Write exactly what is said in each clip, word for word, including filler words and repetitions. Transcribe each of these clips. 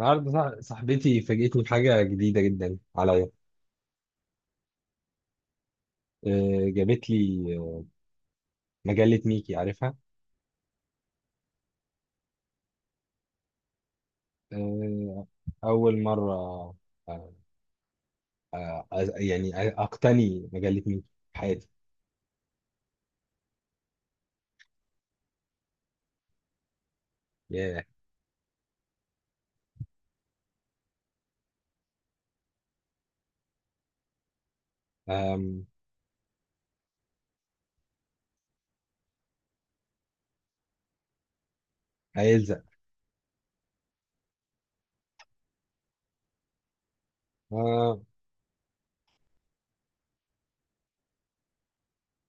النهارده صاح- صاحبتي فاجئتني بحاجة جديدة جدا عليا. آه، جابت لي آه، مجلة ميكي عارفها. آه، أول مرة. آه، آه، أز- يعني أقتني مجلة ميكي في حياتي. ياه. آم، هيلزق. آه،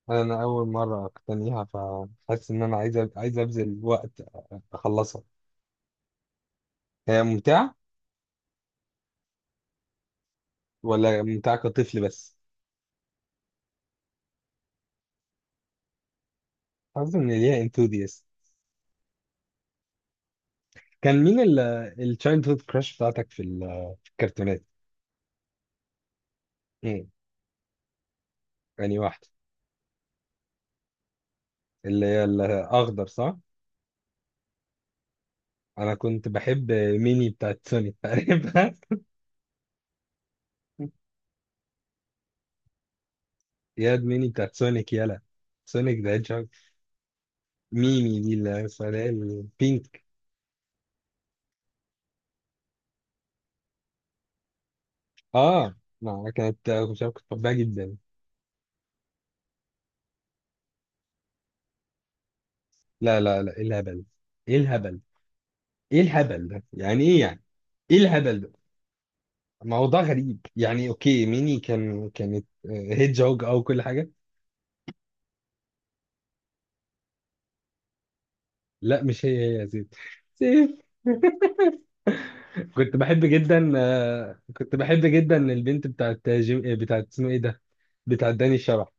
أنا أول مرة أقتنيها فحاسس إن أنا عايز أب- عايز أبذل وقت آه، أخلصها. هي ممتعة ولا ممتعة كطفل بس؟ حاسس إن ليها انثوذيست. كان مين التشايلد هود كراش بتاعتك في ال- في الكرتونات؟ يعني واحدة اللي هي الأخضر صح؟ أنا كنت بحب ميني بتاعت سونيك عارفها؟ ياد ميني بتاعت سونيك يلا. سونيك ذا هيدجهوج. ميمي دي اللي هي اسمها اللي هي البينك. آه، ما كانت مش عارف، كنت بحبها جدا. لا، لا، لا، إيه الهبل؟ إيه الهبل؟ إيه الهبل ده؟ يعني إيه يعني؟ إيه الهبل ده؟ موضوع غريب يعني. أوكي، ميني كان كانت هيدجهوج أو كل حاجة. لا، مش هي هي يا زيد. كنت بحب جدا آه، كنت بحب جدا البنت بتاعت جيم... بتاعت اسمه ايه ده. بتاعت داني الشبح.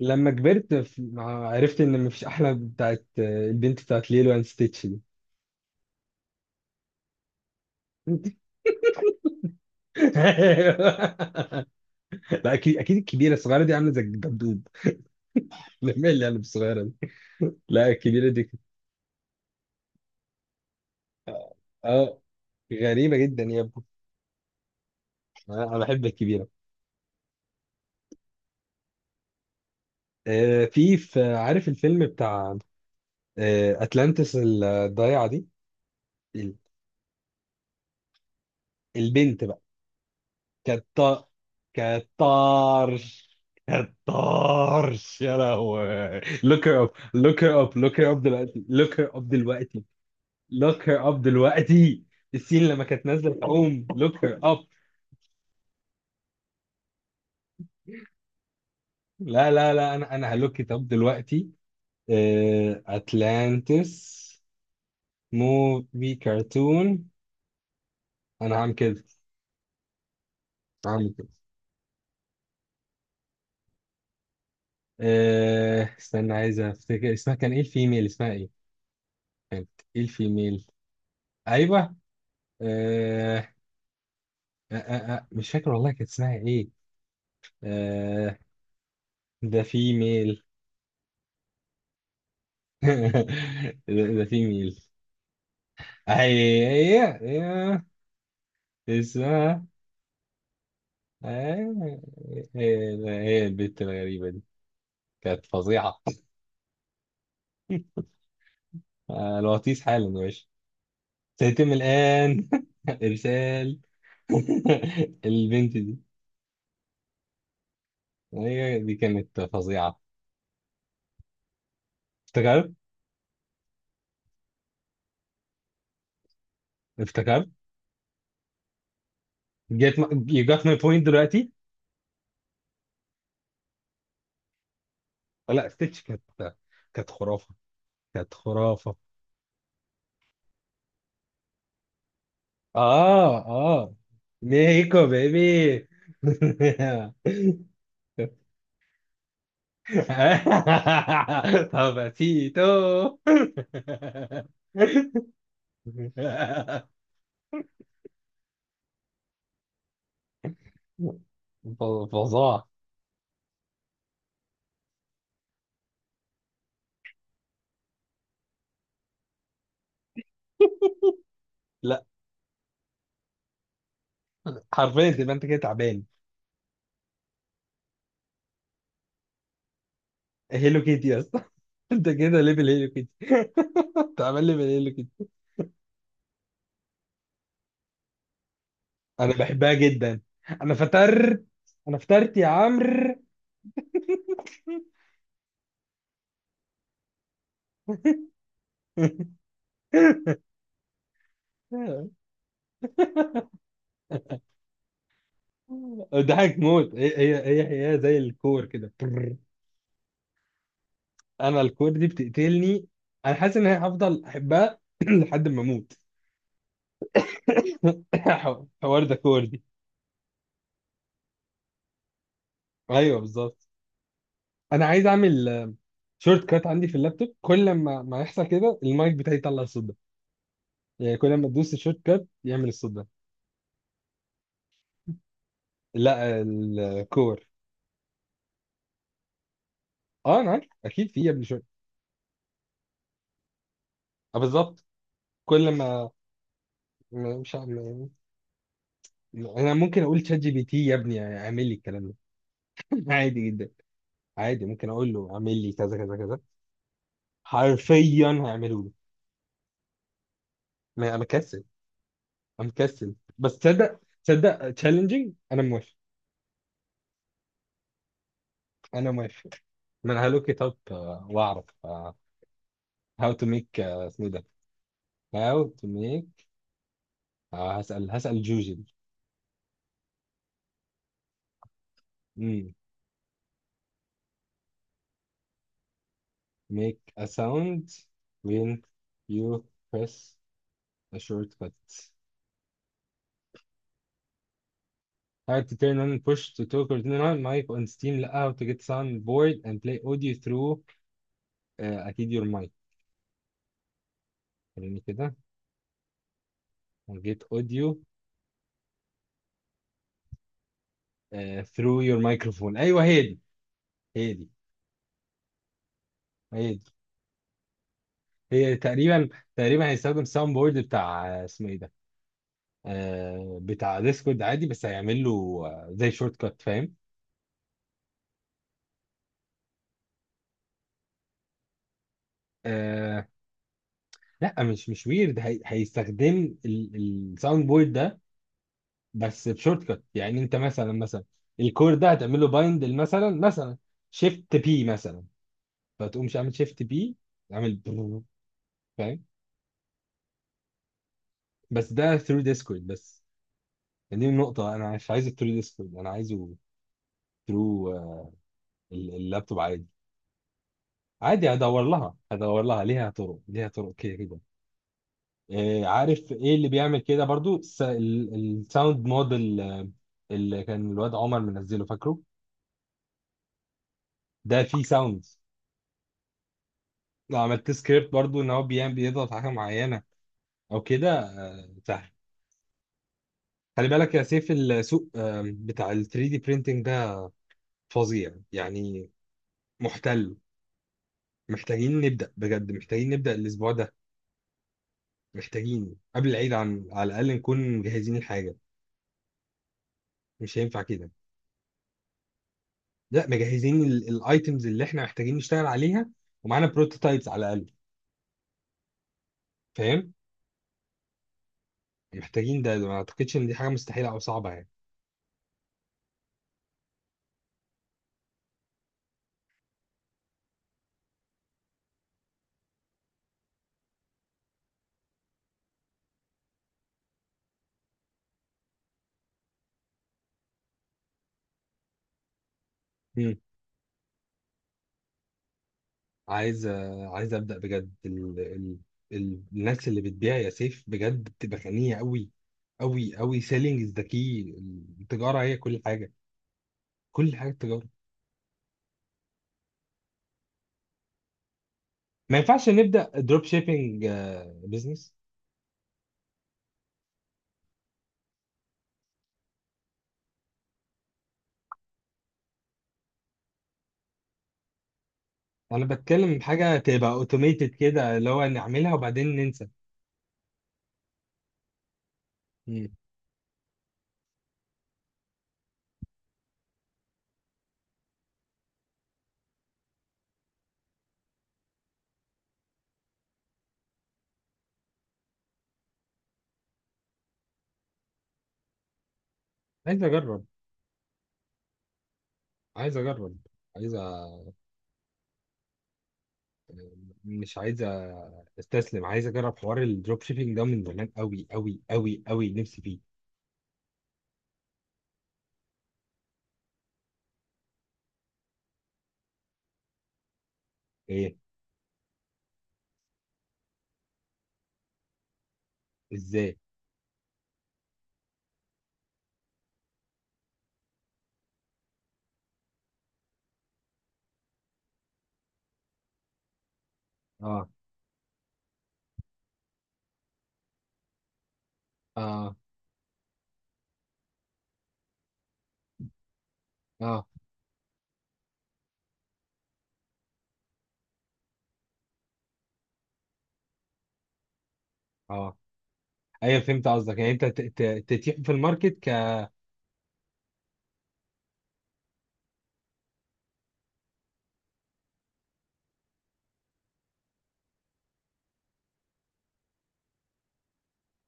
لما كبرت ف- مع- عرفت ان مفيش احلى بتاعت آه، البنت بتاعت ليلو اند ستيتش دي. أيوه. لا، اكيد اكيد، الكبيره، الصغيره دي عامله زي الجدود. مين اللي عامله الصغيره دي؟ لا الكبيره دي كانت- اه غريبه جدا يا ابني. انا أنا بحب الكبيره. آه، في في عارف الفيلم بتاع آه، اتلانتس الضايعه دي؟ ال- البنت بقى كالط، كالطرش، كالطرش يا لهوي. Look her up, look her up, look her up دلوقتي. Look her up دلوقتي. Look her up دلوقتي. السين لما كانت نازله الحوم، look her up. لا، لا، لا، انا انا هلوك ات اب دلوقتي. اتلانتس، موفي كرتون. انا هعمل كده، هعمل كده. آه، استنى عايز افتكر اسمها كان ايه؟ الفيميل اسمها ايه؟ كانت، ايه الفيميل؟ ايوه. آه، آه آه آه مش فاكر والله كانت اسمها ايه. آه ده في ميل. ده, ده في ميل. هي هي هي اسمها آه، هي هي البت الغريبة دي، كانت فظيعة. آه الوطيس حالا يا باشا. سيتم الآن إرسال. البنت دي، هي دي كانت فظيعة. افتكرت، افتكرت، جت. You got my point دلوقتي. لا، ستيتش كانت، كانت خرافة، كانت خرافة. اه، اه، ميكو بيبي. Papacito. ف- فظاع. لا، حرفيا تبقى انت كده تعبان. هيلو كيتي يا اسطى. انت كده ليفل هيلو كيتي. انت عامل ليفل هيلو كيتي. انا بحبها جدا. انا فطرت. انا فطرت يا عمرو. ضحك موت. هي هي هي هي زي الكور كده. انا الكور دي بتقتلني. انا حاسس ان انا هفضل احبها لحد ما اموت. حوار ده، كور دي. ايوه بالظبط. انا عايز اعمل شورت كات عندي في اللابتوب، كل ما ما يحصل كده المايك بتاعي يطلع الصوت ده. يعني كل ما تدوس الشورت كات يعمل الصوت ده. لا، الكور. اه انا عارف اكيد في يا ابني شورت. آه بالظبط. كل ما ما- مش عارف. انا ممكن اقول شات جي بي تي يا ابني اعمل لي الكلام ده. عادي جدا. عادي، ممكن اقول له اعمل لي كذا كذا كذا. حرفيا هيعملوا لي. ما- انا كسل. انا كسل بس، تصدق تصدق تشالنجينج، انا موافق. انا موافق. من هالو كتاب آه، واعرف هاو تو ميك اسمه ده. هاو تو ميك. هسأل هسأل جوجل. امم. ميك ا ساوند. وين يو بريس ا شورت كات. How to turn on push to talk or turn on mic on Steam. لا، how to get soundboard and play audio through آه، اكيد your mic. خليني كده. Get audio آه، through your microphone. ايوه هي دي، هي دي، هي دي. هي تقريبا، تقريبا هيستخدم ساوند بورد بتاع آه، اسمه ايه ده. آه بتاع ديسكورد عادي، بس هيعمل له آه، زي شورت كات، فاهم؟ آه لا، مش مش ويرد، هي هيستخدم الساوند بورد ده بس بشورت كات. يعني انت مثلا، مثلا الكور ده هتعمل له بايند، مثلا مثلا شيفت بي، مثلا فتقوم عامل شيفت بي، عامل برو، فاهم؟ بس ده ثرو ديسكورد بس. دي النقطة، أنا مش عايزه ثرو ديسكورد، أنا عايزه ثرو اللابتوب عادي. عادي هدور لها، هدور لها، ليها طرق، ليها طرق، كده كده. آه، عارف ايه اللي بيعمل كده برضو؟ الس- ال- الساوند موديل آه، اللي كان الواد عمر منزله، فاكره؟ ده فيه ساوند. لو عملت سكريبت برضو، ان هو بيعمل بيضغط على حاجه معينه او كده، سهل. خلي بالك يا سيف، السوق آم، بتاع ال ثري دي printing ده فظيع يعني. محتل. محتاجين نبدأ بجد، محتاجين نبدأ الاسبوع ده. محتاجين قبل العيد، عن على الاقل نكون مجهزين الحاجه، مش هينفع كده. لا، مجهزين الايتمز اللي احنا محتاجين نشتغل عليها، ومعانا بروتوتايبس على الاقل، فاهم؟ محتاجين ده، ما اعتقدش ان دي حاجه مستحيله او صعبه يعني. مم. عايز آه، عايز ابدا بجد. ال... ال... ال... الناس اللي بتبيع يا سيف بجد بتبقى غنيه قوي، قوي قوي. سيلينج از ذا كي. التجاره هي كل حاجه. كل حاجه التجاره. ما ينفعش نبدا دروب شيبينج بزنس؟ انا بتكلم حاجه تبقى اوتوميتد كده، اللي هو نعملها وبعدين ننسى. مم. عايز اجرب، عايز اجرب، عايز، مش عايز استسلم. عايز اجرب حوار الدروب شيبينج ده من زمان قوي قوي قوي قوي، نفسي فيه. ايه؟ ازاي؟ اه، اه، اه، اه، ايوه فهمت قصدك. يعني انت ت- ت- تتيح في الماركت ك...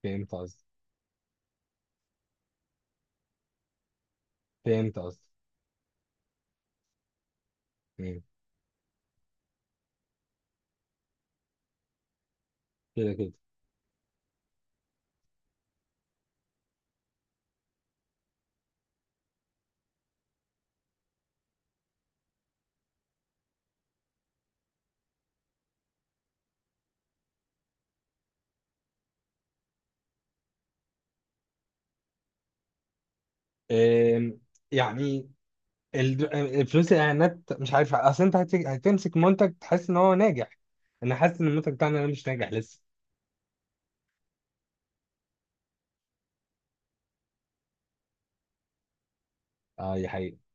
فهمت قصدك. فهمت قصدك. مم. كده كده. آم، يعني ال- الفلوس الاعلانات، مش عارف اصل، انت هت- هتمسك منتج تحس ان هو ناجح. انا حاسس ان المنتج بتاعنا ده مش ناجح لسه. اه، دي حقيقة.